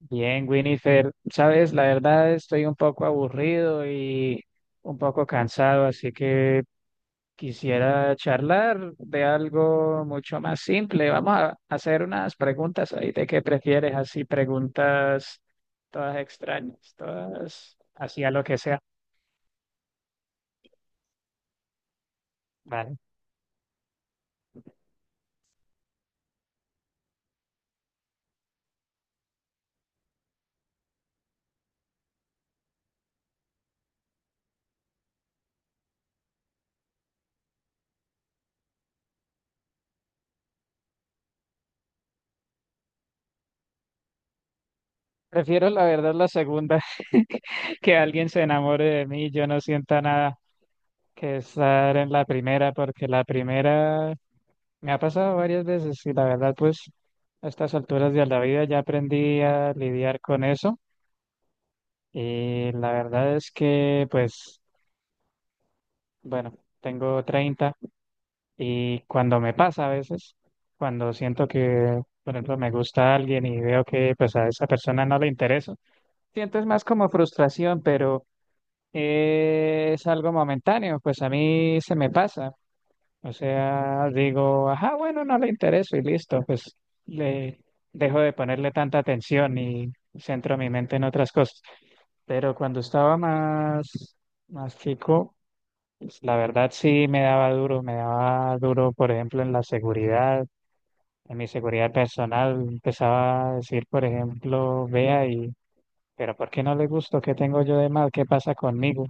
Bien, Winifred, sabes, la verdad estoy un poco aburrido y un poco cansado, así que quisiera charlar de algo mucho más simple. Vamos a hacer unas preguntas ahí de qué prefieres, así preguntas todas extrañas, todas así lo que sea. Vale. Prefiero la verdad la segunda, que alguien se enamore de mí, y yo no sienta nada que estar en la primera, porque la primera me ha pasado varias veces y la verdad, pues a estas alturas de la vida ya aprendí a lidiar con eso y la verdad es que, pues, bueno, tengo 30 y cuando me pasa a veces, cuando siento que, por ejemplo, me gusta alguien y veo que pues a esa persona no le interesa, siento es más como frustración, pero es algo momentáneo, pues a mí se me pasa. O sea, digo, ajá, bueno, no le intereso y listo, pues le dejo de ponerle tanta atención y centro mi mente en otras cosas. Pero cuando estaba más, más chico, pues, la verdad sí me daba duro, por ejemplo, en la seguridad, en mi seguridad personal. Empezaba a decir, por ejemplo, vea y, pero ¿por qué no le gusto? ¿Qué tengo yo de mal? ¿Qué pasa conmigo?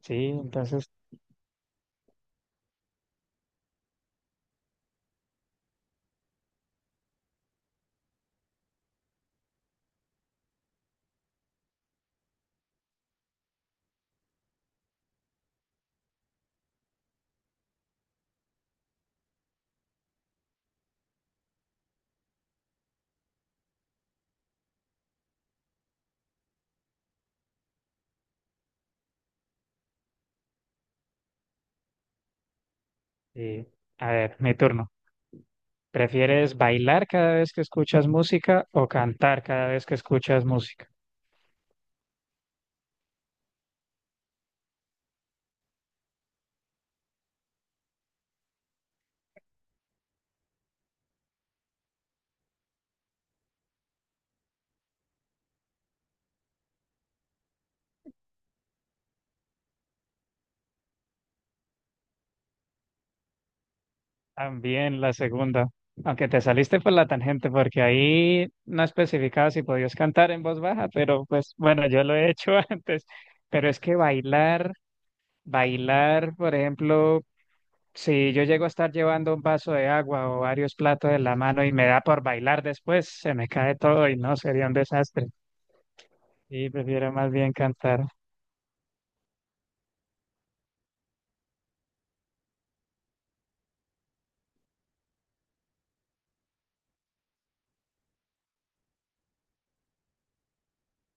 Sí, entonces, sí. A ver, mi turno. ¿Prefieres bailar cada vez que escuchas música o cantar cada vez que escuchas música? También la segunda, aunque te saliste por la tangente porque ahí no especificaba si podías cantar en voz baja, pero pues bueno, yo lo he hecho antes. Pero es que bailar, bailar, por ejemplo, si yo llego a estar llevando un vaso de agua o varios platos en la mano y me da por bailar después, se me cae todo y no, sería un desastre. Sí, prefiero más bien cantar.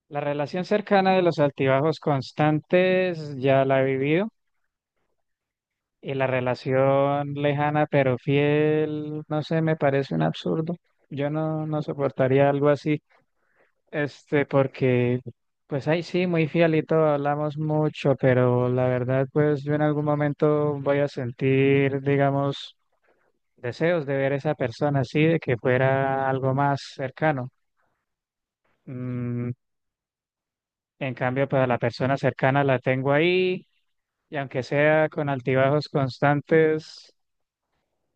La relación cercana de los altibajos constantes ya la he vivido y la relación lejana pero fiel, no sé, me parece un absurdo. Yo no, no soportaría algo así, este, porque pues ahí sí, muy fiel y todo, hablamos mucho, pero la verdad pues yo en algún momento voy a sentir, digamos, deseos de ver a esa persona así, de que fuera algo más cercano. Mm, en cambio, pues a la persona cercana la tengo ahí. Y aunque sea con altibajos constantes,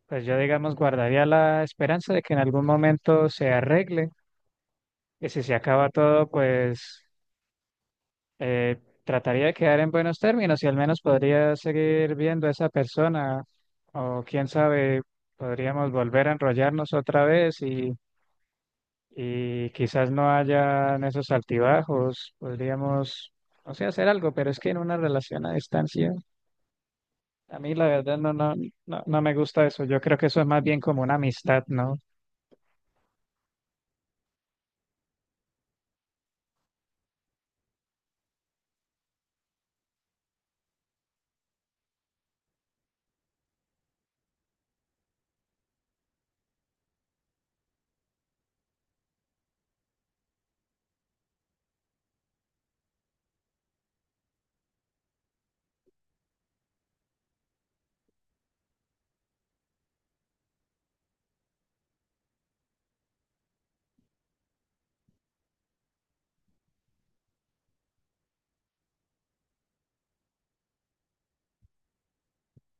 pues yo, digamos, guardaría la esperanza de que en algún momento se arregle. Y si se acaba todo, pues trataría de quedar en buenos términos y al menos podría seguir viendo a esa persona. O quién sabe, podríamos volver a enrollarnos otra vez y quizás no hayan esos altibajos. Podríamos, o sea, hacer algo, pero es que en una relación a distancia. A mí la verdad no me gusta eso. Yo creo que eso es más bien como una amistad, ¿no?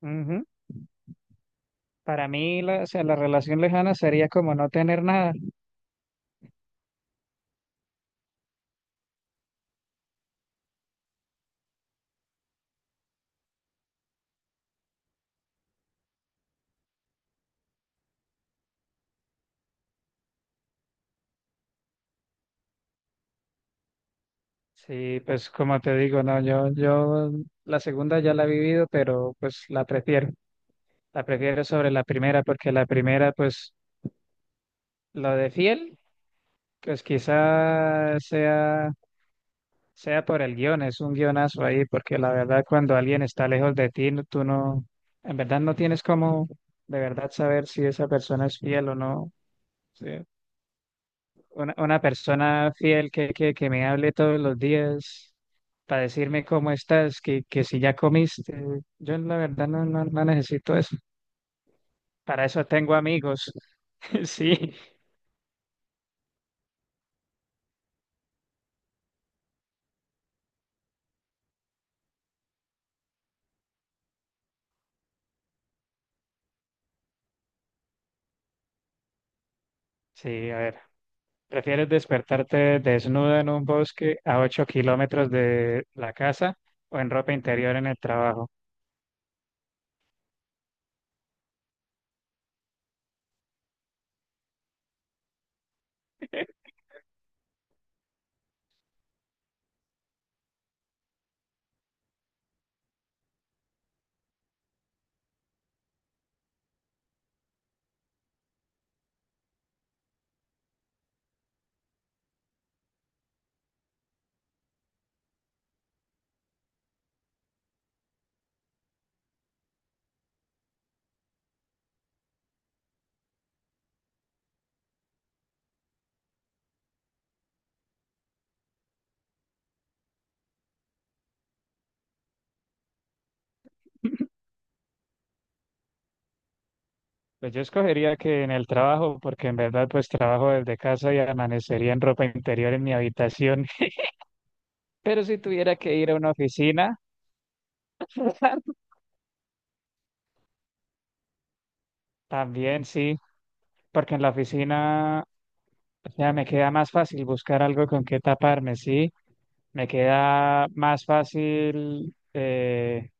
Ujú. Para mí, o sea, la relación lejana sería como no tener nada. Sí, pues como te digo, no, yo la segunda ya la he vivido, pero pues la prefiero. La prefiero sobre la primera porque la primera, pues lo de fiel, pues quizá sea por el guión, es un guionazo ahí, porque la verdad cuando alguien está lejos de ti, tú no, en verdad no tienes como de verdad saber si esa persona es fiel o no. Sí. Una persona fiel que me hable todos los días para decirme cómo estás, que si ya comiste, yo la verdad no necesito eso. Para eso tengo amigos. Sí, sí, a ver. ¿Prefieres despertarte desnuda en un bosque a 8 kilómetros de la casa o en ropa interior en el trabajo? Pues yo escogería que en el trabajo, porque en verdad pues trabajo desde casa y amanecería en ropa interior en mi habitación. Pero si tuviera que ir a una oficina, también sí, porque en la oficina, o sea, me queda más fácil buscar algo con qué taparme, sí, me queda más fácil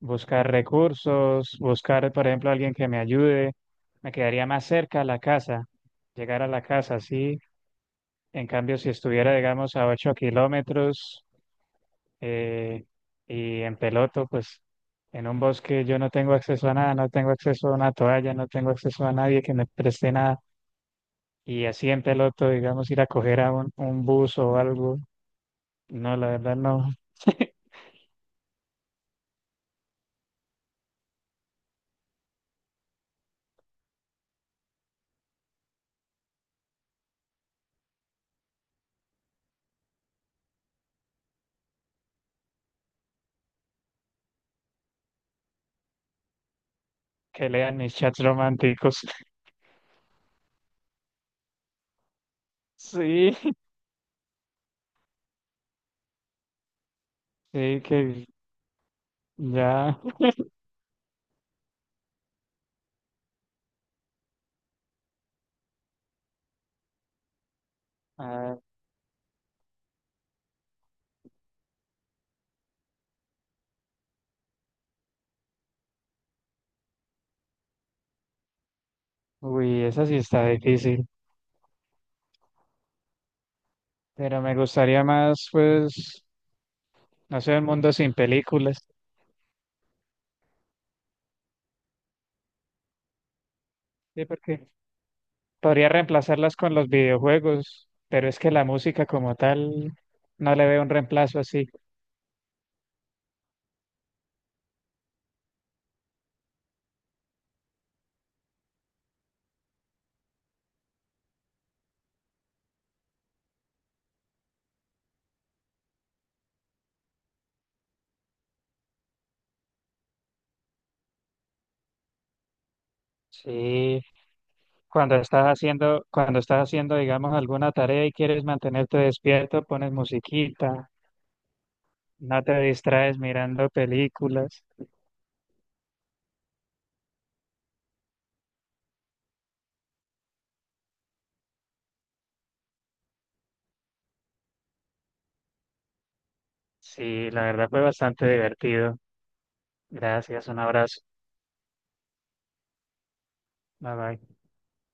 buscar recursos, buscar, por ejemplo, alguien que me ayude. Me quedaría más cerca a la casa, llegar a la casa, sí. En cambio, si estuviera, digamos, a 8 kilómetros eh, y en peloto, pues en un bosque yo no tengo acceso a nada, no tengo acceso a una toalla, no tengo acceso a nadie que me preste nada. Y así en peloto, digamos, ir a coger a un bus o algo. No, la verdad no. Que lean mis chats románticos. Sí, sí, que ya. Ah, uy, esa sí está difícil, pero me gustaría más, pues, no sé, un mundo sin películas. Sí, porque podría reemplazarlas con los videojuegos, pero es que la música como tal no le veo un reemplazo así. Sí, cuando estás haciendo, digamos, alguna tarea y quieres mantenerte despierto, pones musiquita, no te distraes mirando películas. Sí, la verdad fue bastante divertido. Gracias, un abrazo. Bye bye.